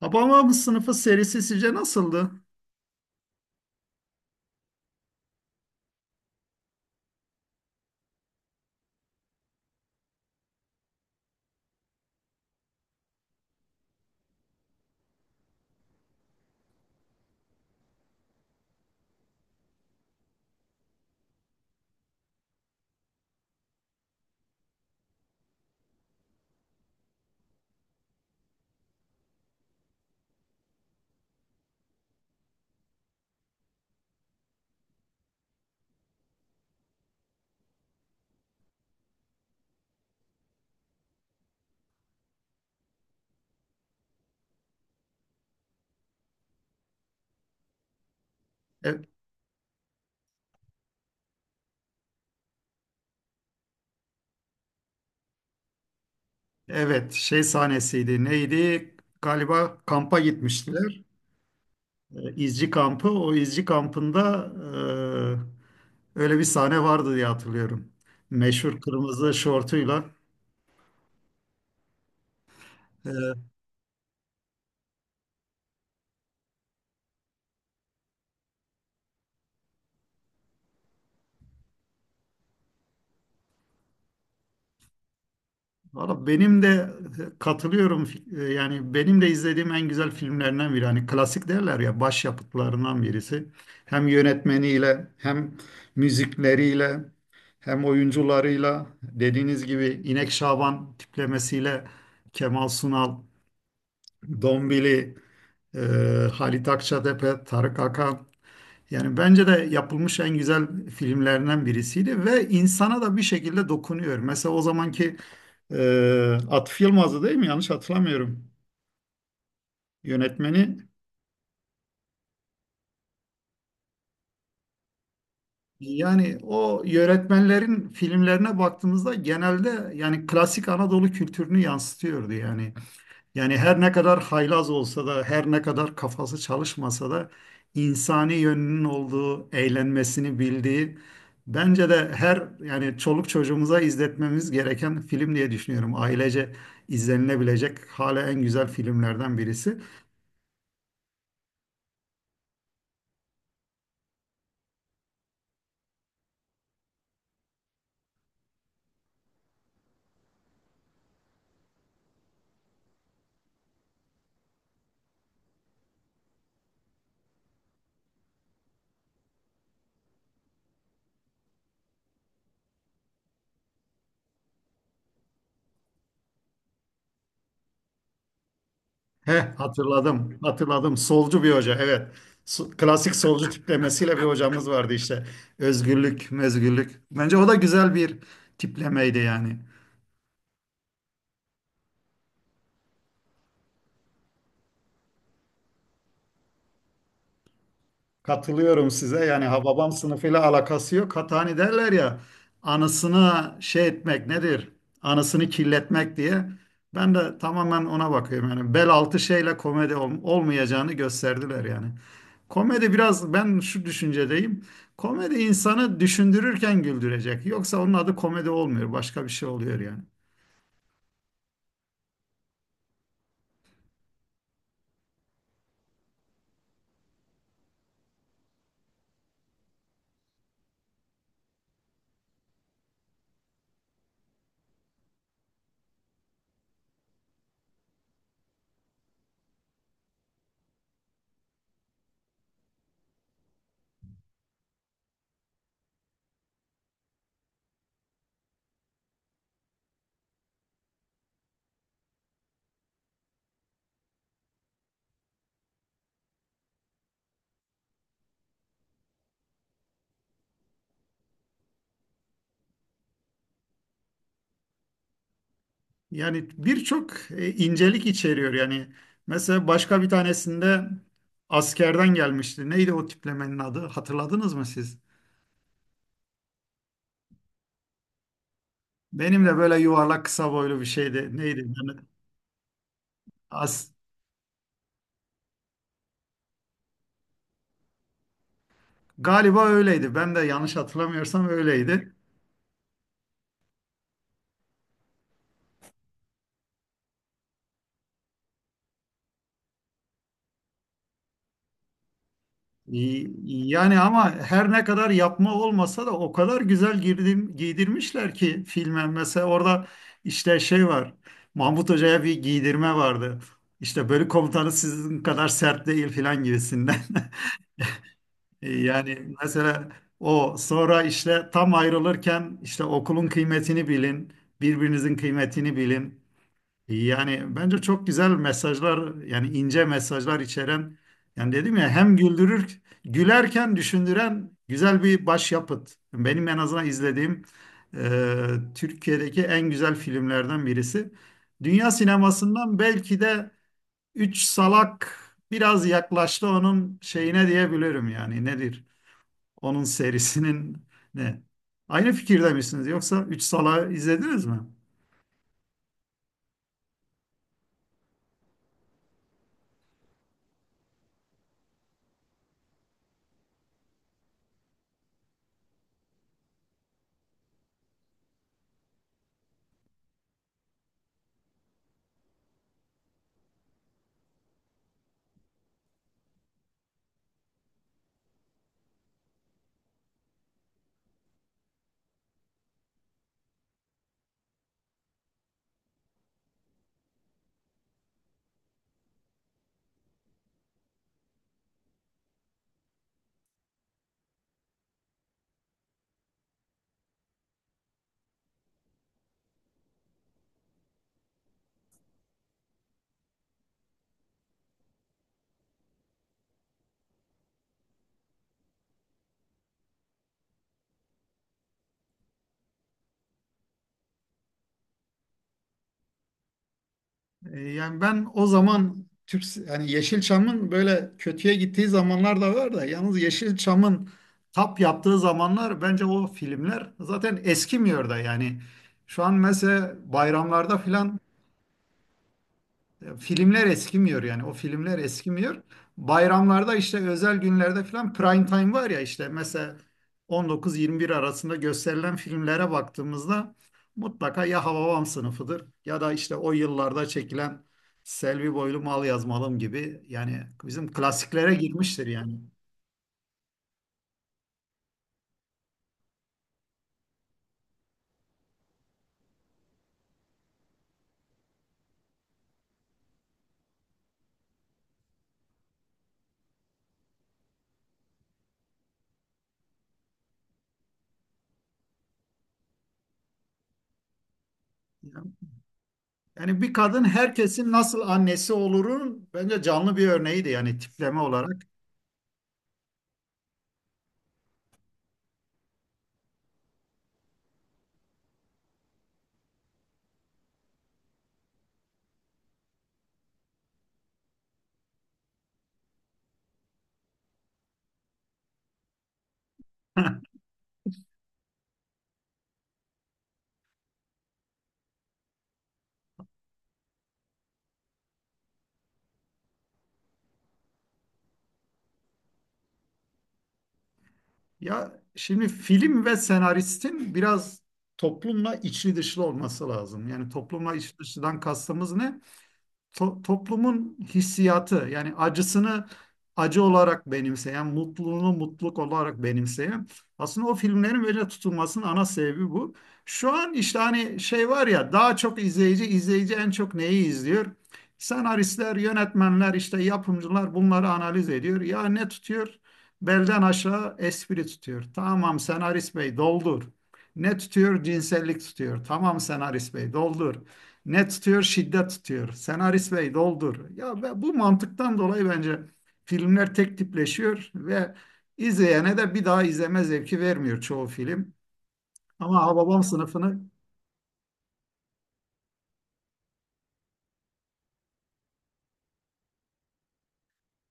Hababam Sınıfı serisi sizce nasıldı? E- evet, Şey sahnesiydi. Neydi? Galiba kampa gitmiştiler. İzci kampı. O izci kampında öyle bir sahne vardı diye hatırlıyorum. Meşhur kırmızı şortuyla. E, Valla benim de katılıyorum. Yani benim de izlediğim en güzel filmlerinden biri. Hani klasik derler ya başyapıtlarından birisi. Hem yönetmeniyle hem müzikleriyle hem oyuncularıyla dediğiniz gibi İnek Şaban tiplemesiyle Kemal Sunal, Dombili, e, Halit Akçatepe, Tarık Akan yani bence de yapılmış en güzel filmlerinden birisiydi ve insana da bir şekilde dokunuyor. Mesela o zamanki Atıf Yılmaz'dı değil mi? Yanlış hatırlamıyorum yönetmeni. Yani o yönetmenlerin filmlerine baktığımızda genelde yani klasik Anadolu kültürünü yansıtıyordu yani. Yani her ne kadar haylaz olsa da, her ne kadar kafası çalışmasa da insani yönünün olduğu, eğlenmesini bildiği bence de her yani çoluk çocuğumuza izletmemiz gereken film diye düşünüyorum. Ailece izlenilebilecek hala en güzel filmlerden birisi. He, hatırladım, hatırladım. Solcu bir hoca, evet. Klasik solcu tiplemesiyle bir hocamız vardı işte. Özgürlük, mezgürlük. Bence o da güzel bir tiplemeydi yani. Katılıyorum size. Yani Hababam sınıfıyla alakası yok. Hatta hani derler ya anısına şey etmek nedir? Anısını kirletmek diye. Ben de tamamen ona bakıyorum. Yani bel altı şeyle komedi olmayacağını gösterdiler yani. Komedi biraz ben şu düşüncedeyim. Komedi insanı düşündürürken güldürecek. Yoksa onun adı komedi olmuyor. Başka bir şey oluyor yani. Yani birçok incelik içeriyor yani. Mesela başka bir tanesinde askerden gelmişti. Neydi o tiplemenin adı? Hatırladınız mı siz? Benim de böyle yuvarlak kısa boylu bir şeydi. Neydi? As- Galiba öyleydi. Ben de yanlış hatırlamıyorsam öyleydi. Y- Yani ama her ne kadar yapma olmasa da o kadar güzel girdim, giydirmişler ki filme. Mesela orada işte şey var. Mahmut Hoca'ya bir giydirme vardı. İşte bölük komutanı sizin kadar sert değil filan gibisinden. Yani mesela o sonra işte tam ayrılırken işte okulun kıymetini bilin, birbirinizin kıymetini bilin. Yani bence çok güzel mesajlar yani ince mesajlar içeren yani dedim ya hem güldürür gülerken düşündüren güzel bir başyapıt. Benim en azından izlediğim e, Türkiye'deki en güzel filmlerden birisi. Dünya sinemasından belki de Üç Salak biraz yaklaştı onun şeyine diyebilirim yani nedir? Onun serisinin ne? Aynı fikirde misiniz yoksa Üç Salak'ı izlediniz mi? Yani ben o zaman Türk yani Yeşilçam'ın böyle kötüye gittiği zamanlar da var da yalnız Yeşilçam'ın tap yaptığı zamanlar bence o filmler zaten eskimiyor da yani şu an mesela bayramlarda filan filmler eskimiyor yani o filmler eskimiyor. Bayramlarda işte özel günlerde falan prime time var ya işte mesela 19-21 arasında gösterilen filmlere baktığımızda mutlaka ya Hababam sınıfıdır ya da işte o yıllarda çekilen Selvi Boylum Al Yazmalım gibi yani bizim klasiklere girmiştir yani. Yani bir kadın herkesin nasıl annesi olurun bence canlı bir örneğiydi yani tipleme olarak. Ya şimdi film ve senaristin biraz toplumla içli dışlı olması lazım. Yani toplumla içli dışlıdan kastımız ne? Toplumun hissiyatı yani acısını acı olarak benimseyen, mutluluğunu mutluluk olarak benimseyen aslında o filmlerin böyle tutulmasının ana sebebi bu. Şu an işte hani şey var ya daha çok izleyici, en çok neyi izliyor? Senaristler, yönetmenler, işte yapımcılar bunları analiz ediyor. Ya ne tutuyor? Belden aşağı espri tutuyor. Tamam senarist bey doldur. Ne tutuyor? Cinsellik tutuyor. Tamam senarist bey doldur. Ne tutuyor? Şiddet tutuyor. Senarist bey doldur. Ya ve bu mantıktan dolayı bence filmler tek tipleşiyor ve izleyene de bir daha izleme zevki vermiyor çoğu film. Ama Hababam sınıfını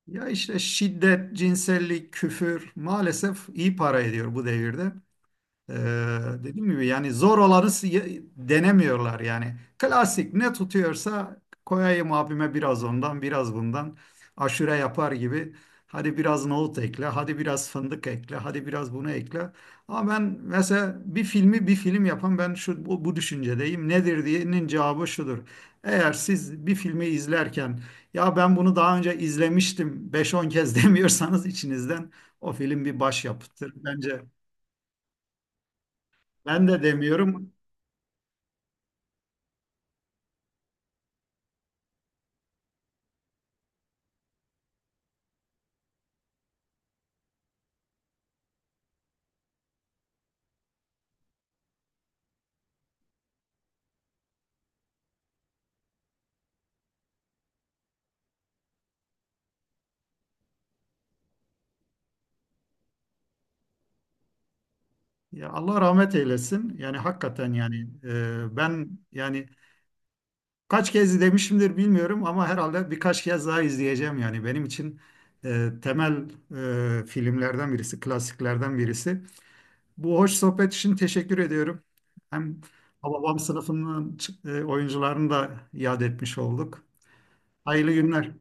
ya işte şiddet, cinsellik, küfür maalesef iyi para ediyor bu devirde. Ee, Dediğim gibi yani zor olanı denemiyorlar yani. Klasik ne tutuyorsa koyayım abime biraz ondan biraz bundan. Aşure yapar gibi. Hadi biraz nohut ekle, hadi biraz fındık ekle, hadi biraz bunu ekle. Ama ben mesela bir filmi bir film yapan ben bu düşüncedeyim. Nedir diyenin cevabı şudur. Eğer siz bir filmi izlerken ya ben bunu daha önce izlemiştim 5-10 kez demiyorsanız içinizden o film bir başyapıttır. Bence ben de demiyorum. Ya Allah rahmet eylesin. Yani hakikaten yani ben yani kaç kez demişimdir bilmiyorum ama herhalde birkaç kez daha izleyeceğim yani benim için temel filmlerden birisi, klasiklerden birisi. Bu hoş sohbet için teşekkür ediyorum. Hem Hababam sınıfının oyuncularını da iade etmiş olduk. Hayırlı günler.